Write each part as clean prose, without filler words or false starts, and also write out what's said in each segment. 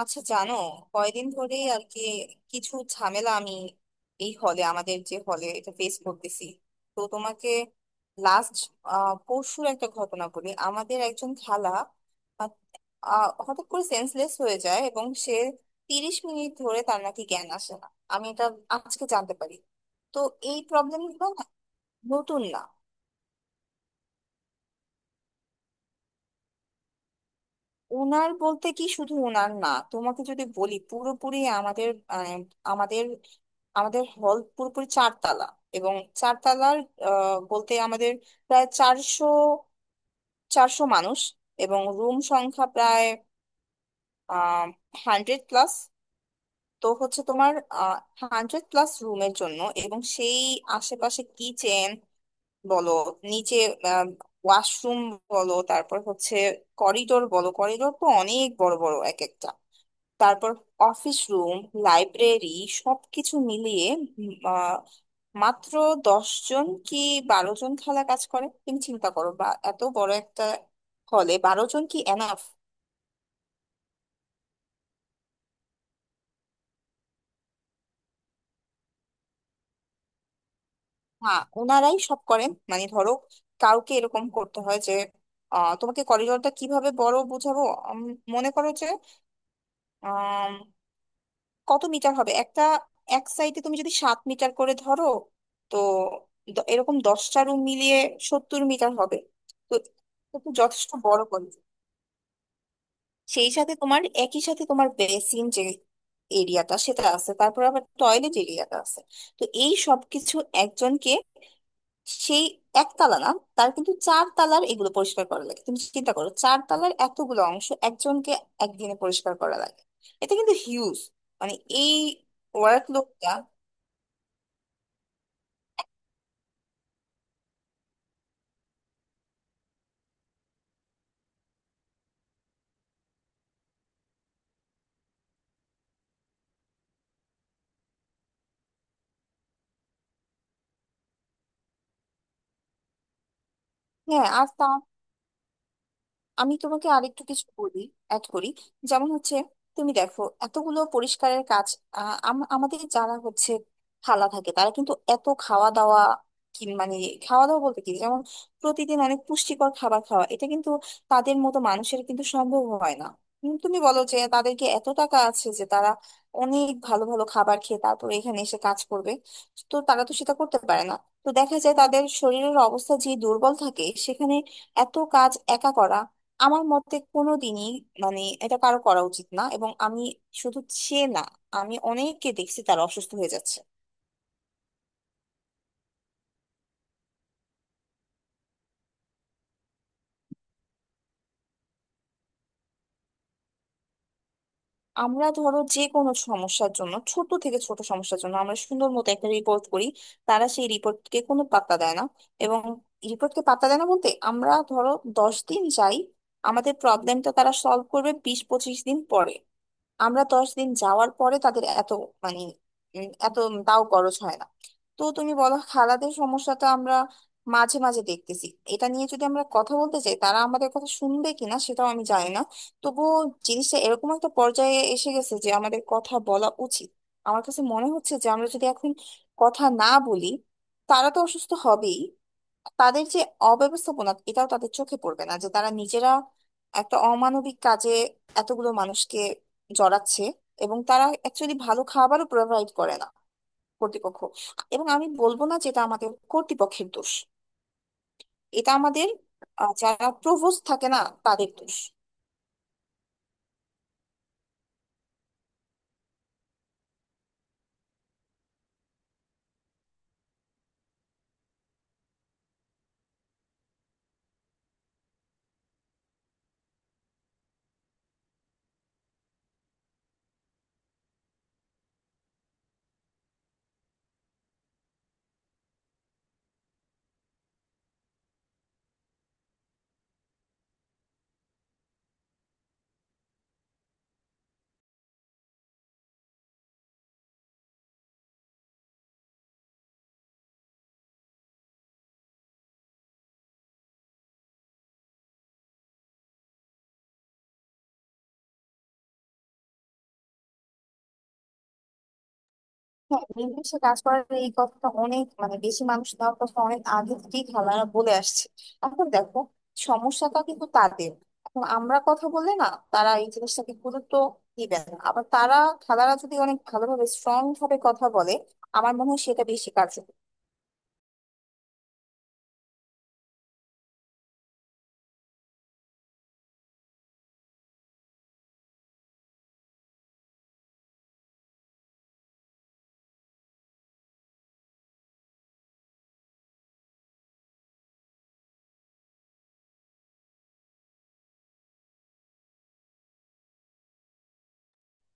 আচ্ছা জানো, কয়দিন ধরেই আর কি কিছু ঝামেলা আমি এই হলে, আমাদের যে হলে এটা ফেস করতেছি। তো তোমাকে লাস্ট পরশুর একটা ঘটনা বলি। আমাদের একজন খালা আহ, আহ, হঠাৎ করে সেন্সলেস হয়ে যায়, এবং সে 30 মিনিট ধরে তার নাকি জ্ঞান আসে না। আমি এটা আজকে জানতে পারি। তো এই প্রবলেমগুলো নতুন না। ওনার বলতে কি, শুধু ওনার না, তোমাকে যদি বলি পুরোপুরি আমাদের, মানে আমাদের আমাদের হল পুরোপুরি চারতলা, এবং চারতলার বলতে আমাদের প্রায় চারশো চারশো মানুষ। এবং রুম সংখ্যা প্রায় আহ 100+। তো হচ্ছে তোমার 100+ রুমের জন্য, এবং সেই আশেপাশে কিচেন বলো, নিচে ওয়াশরুম বলো, তারপর হচ্ছে করিডোর বলো, করিডোর তো অনেক বড় বড় এক একটা। তারপর অফিস রুম, লাইব্রেরি, সবকিছু মিলিয়ে উম, আহ, মাত্র 10 জন কি 12 জন খালা কাজ করে। তুমি চিন্তা করো, বা এত বড় একটা হলে 12 জন কি এনাফ? হ্যাঁ, ওনারাই সব করেন। মানে ধরো, কাউকে এরকম করতে হয় যে তোমাকে করিডোরটা কিভাবে বড় বুঝাবো। উম, মনে করো যে কত মিটার হবে একটা, এক সাইডে তুমি যদি 7 মিটার করে ধরো, তো এরকম 10টা রুম মিলিয়ে 70 মিটার হবে। তো এটা, তো যথেষ্ট বড় কলেজ। সেই সাথে তোমার, একই সাথে তোমার বেসিন যে এরিয়াটা সেটা আছে, তারপর আবার টয়লেট এরিয়াটা আছে। তো এই সবকিছু একজনকে, সেই একতলা না, তার কিন্তু চার তালার এগুলো পরিষ্কার করা লাগে। তুমি চিন্তা করো, চার তালার এতগুলো অংশ একজনকে একদিনে পরিষ্কার করা লাগে। এটা কিন্তু হিউজ, মানে এই ওয়ার্ক লোডটা। হ্যাঁ, আর তা আমি তোমাকে আরেকটু কিছু বলি, অ্যাড করি। যেমন হচ্ছে, তুমি দেখো এতগুলো পরিষ্কারের কাজ, আমাদের যারা হচ্ছে খালা থাকে, তারা কিন্তু এত খাওয়া দাওয়া কি, মানে খাওয়া দাওয়া বলতে কি, যেমন প্রতিদিন অনেক পুষ্টিকর খাবার খাওয়া, এটা কিন্তু তাদের মতো মানুষের কিন্তু সম্ভব হয় না। তুমি বলো যে তাদেরকে এত টাকা আছে যে তারা অনেক ভালো ভালো খাবার খেয়ে তারপর এখানে এসে কাজ করবে? তো তারা তো সেটা করতে পারে না। তো দেখা যায় তাদের শরীরের অবস্থা যে দুর্বল থাকে, সেখানে এত কাজ একা করা আমার মতে কোনোদিনই, মানে এটা কারো করা উচিত না। এবং আমি শুধু সে না, আমি অনেককে দেখছি তারা অসুস্থ হয়ে যাচ্ছে। আমরা ধরো যে কোনো সমস্যার জন্য, ছোট থেকে ছোট সমস্যার জন্য আমরা সুন্দর মতো একটা রিপোর্ট করি, তারা সেই রিপোর্টকে কোনো পাত্তা দেয় না। এবং রিপোর্টকে পাত্তা দেয় না বলতে, আমরা ধরো 10 দিন যাই, আমাদের প্রবলেমটা তারা সলভ করবে 20-25 দিন পরে। আমরা 10 দিন যাওয়ার পরে তাদের এত, মানে এত তাও খরচ হয় না। তো তুমি বলো, খালাদের সমস্যাটা আমরা মাঝে মাঝে দেখতেছি। এটা নিয়ে যদি আমরা কথা বলতে চাই, তারা আমাদের কথা শুনবে কিনা সেটাও আমি জানি না। তবুও জিনিসটা এরকম একটা পর্যায়ে এসে গেছে যে আমাদের কথা বলা উচিত। আমার কাছে মনে হচ্ছে যে আমরা যদি এখন কথা না বলি, তারা তো অসুস্থ হবেই। তাদের যে অব্যবস্থাপনা, এটাও তাদের চোখে পড়বে না যে তারা নিজেরা একটা অমানবিক কাজে এতগুলো মানুষকে জড়াচ্ছে। এবং তারা অ্যাকচুয়ালি ভালো খাবারও প্রোভাইড করে না, কর্তৃপক্ষ। এবং আমি বলবো না যে এটা আমাদের কর্তৃপক্ষের দোষ। এটা আমাদের যারা প্রভোস্ট থাকে না, তাদের দোষ। হ্যাঁ, নির্দিষ্ট কাজ করার এই কথাটা, অনেক মানে বেশি মানুষ দেওয়ার কথা অনেক আগে থেকেই খেলারা বলে আসছে। এখন দেখো সমস্যাটা কিন্তু তাদের, এখন আমরা কথা বলে না, তারা এই জিনিসটাকে গুরুত্ব দিবে না। আবার তারা, খেলারা যদি অনেক ভালোভাবে স্ট্রং ভাবে কথা বলে, আমার মনে হয় সেটা বেশি কার্যকর।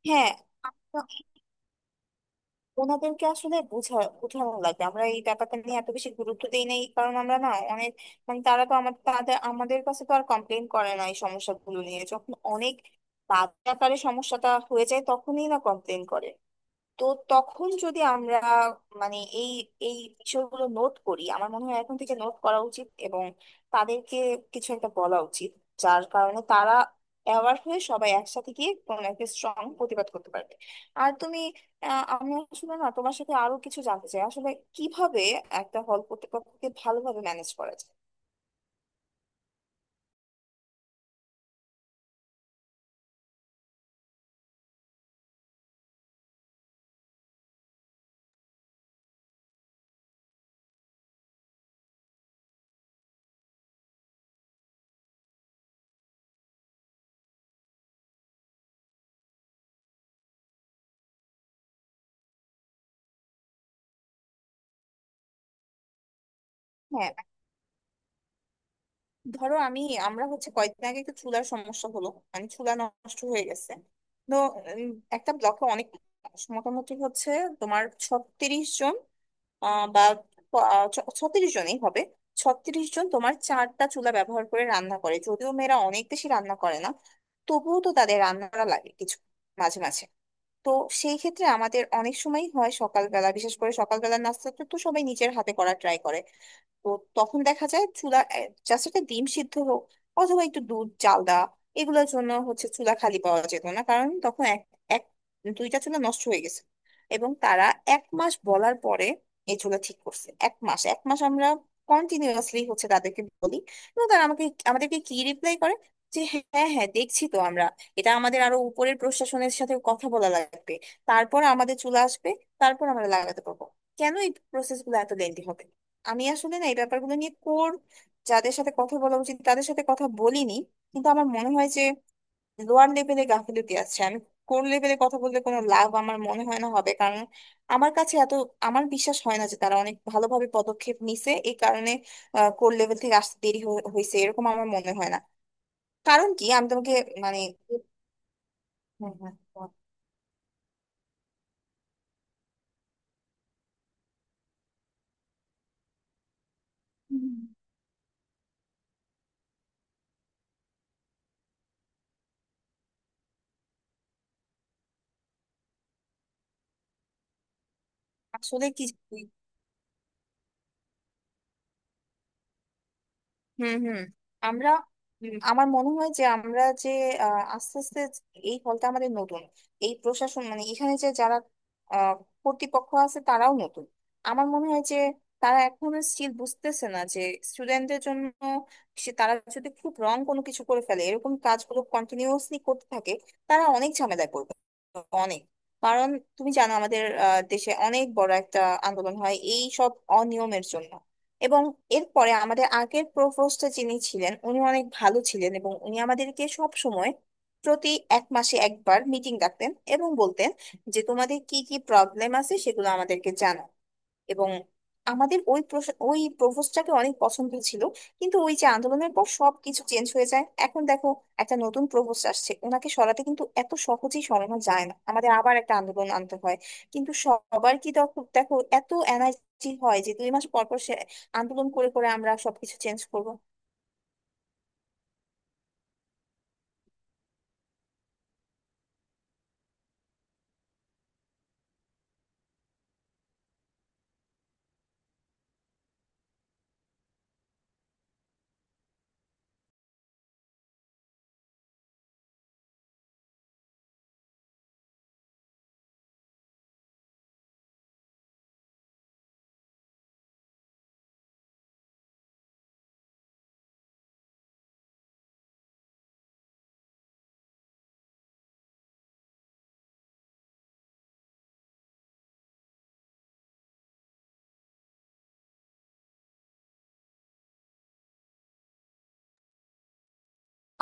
হ্যাঁ, ওনাদেরকে আসলে বুঝানো লাগবে। আমরা এই ব্যাপারটা নিয়ে এত বেশি গুরুত্ব দিই নাই, কারণ আমরা না অনেক, মানে তারা তো আমাদের, তাদের আমাদের কাছে তো আর কমপ্লেন করে না এই সমস্যাগুলো নিয়ে। যখন অনেক বাজে আকারে সমস্যাটা হয়ে যায়, তখনই না কমপ্লেন করে। তো তখন যদি আমরা, মানে এই এই বিষয়গুলো নোট করি, আমার মনে হয় এখন থেকে নোট করা উচিত, এবং তাদেরকে কিছু একটা বলা উচিত, যার কারণে তারা অ্যাওয়ার হয়ে সবাই একসাথে গিয়ে কোনো একটা স্ট্রং প্রতিবাদ করতে পারবে। আর তুমি, আমি আসলে না, তোমার সাথে আরো কিছু জানতে চাই আসলে কিভাবে একটা হল প্রতিপক্ষকে ভালোভাবে ম্যানেজ করা যায়। হ্যাঁ, ধরো আমি, আমরা হচ্ছে কয়েকদিন আগে একটা চুলার সমস্যা হলো, মানে চুলা নষ্ট হয়ে গেছে। তো উম, একটা ব্লকে অনেক মানুষ, মোটামুটি হচ্ছে তোমার 36 জন, আহ, বা প- আহ, ছ- 36 জনই হবে। 36 জন তোমার 4টা চুলা ব্যবহার করে রান্না করে, যদিও মেয়েরা অনেক বেশি রান্না করে না, তবুও তো তাদের রান্না করা লাগে কিছু মাঝে মাঝে। তো সেই ক্ষেত্রে আমাদের অনেক সময় হয় সকালবেলা, বিশেষ করে সকালবেলার নাস্তাটা তো সবাই নিজের হাতে করা ট্রাই করে। তো তখন দেখা যায় চুলা, জাস্ট একটা ডিম সিদ্ধ হোক অথবা একটু দুধ চাল দেওয়া, এগুলোর জন্য হচ্ছে চুলা খালি পাওয়া যেত না, কারণ তখন এক এক 2টা চুলা নষ্ট হয়ে গেছে। এবং তারা 1 মাস বলার পরে এই চুলা ঠিক করছে। 1 মাস 1 মাস আমরা কন্টিনিউয়াসলি হচ্ছে তাদেরকে বলি, এবং তারা আমাদেরকে কি রিপ্লাই করে, যে হ্যাঁ হ্যাঁ দেখছি তো আমরা, এটা আমাদের আরো উপরের প্রশাসনের সাথে কথা বলা লাগবে, তারপর আমাদের চুলা আসবে, তারপর আমরা লাগাতে পারবো। কেন এই প্রসেস গুলো এত লেন্দি হবে? আমি আসলে না, এই ব্যাপারগুলো নিয়ে কোর, যাদের সাথে কথা বলা উচিত তাদের সাথে কথা বলিনি। কিন্তু আমার মনে হয় যে লোয়ার লেভেলে গাফিলতি আছে। আমি কোর লেভেলে কথা বললে কোনো লাভ আমার মনে হয় না হবে, কারণ আমার কাছে এত, আমার বিশ্বাস হয় না যে তারা অনেক ভালোভাবে পদক্ষেপ নিছে। এই কারণে কোর লেভেল থেকে আসতে হয়েছে, এরকম আমার মনে হয় না। কারণ কি আমি তোমাকে মানে, হুম, হুম, বল। আসলে কি, হুম, হুম, আমরা, হুম, আমার মনে হয় যে আমরা যে আস্তে আস্তে, এই হলটা আমাদের নতুন, এই প্রশাসন মানে এখানে যে যারা আহ, কর্তৃপক্ষ আছে তারাও নতুন। আমার মনে হয় যে তারা এখনো স্টিল বুঝতেছে না যে স্টুডেন্টদের জন্য, সে, তারা যদি খুব রং কোনো কিছু করে ফেলে, এরকম কাজগুলো কন্টিনিউয়াসলি করতে থাকে, তারা অনেক ঝামেলায় পড়বে, অনেক। কারণ তুমি জানো আমাদের দেশে অনেক বড় একটা আন্দোলন হয় এই সব অনিয়মের জন্য। এবং এরপরে আমাদের আগের প্রভোস্ট যিনি ছিলেন উনি অনেক ভালো ছিলেন, এবং উনি আমাদেরকে সব সময় প্রতি 1 মাসে একবার মিটিং ডাকতেন এবং বলতেন যে তোমাদের কি কি প্রবলেম আছে সেগুলো আমাদেরকে জানাও। এবং আমাদের ওই প্রপোজটাকে অনেক পছন্দ ছিল। কিন্তু ওই যে আন্দোলনের পর সবকিছু চেঞ্জ হয়ে যায়। এখন দেখো একটা নতুন প্রপোজ আসছে ওনাকে সরাতে, কিন্তু এত সহজেই সরানো যায় না, আমাদের আবার একটা আন্দোলন আনতে হয়। কিন্তু সবার কি দেখো, দেখো এত এনার্জি হয় যে 2 মাস পর পর সে আন্দোলন করে করে আমরা সবকিছু চেঞ্জ করব?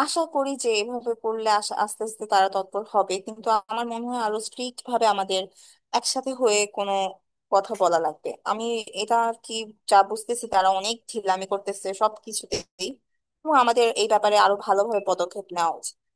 আশা করি যে এভাবে করলে আস্তে আস্তে তারা তৎপর হবে, কিন্তু আমার মনে হয় আরো স্ট্রিক্ট ভাবে আমাদের একসাথে হয়ে কোনো কথা বলা লাগবে। আমি এটা আর কি, যা বুঝতেছি তারা অনেক ঢিলামি করতেছে সব কিছুতেই, এবং আমাদের এই ব্যাপারে আরো ভালোভাবে পদক্ষেপ নেওয়া উচিত।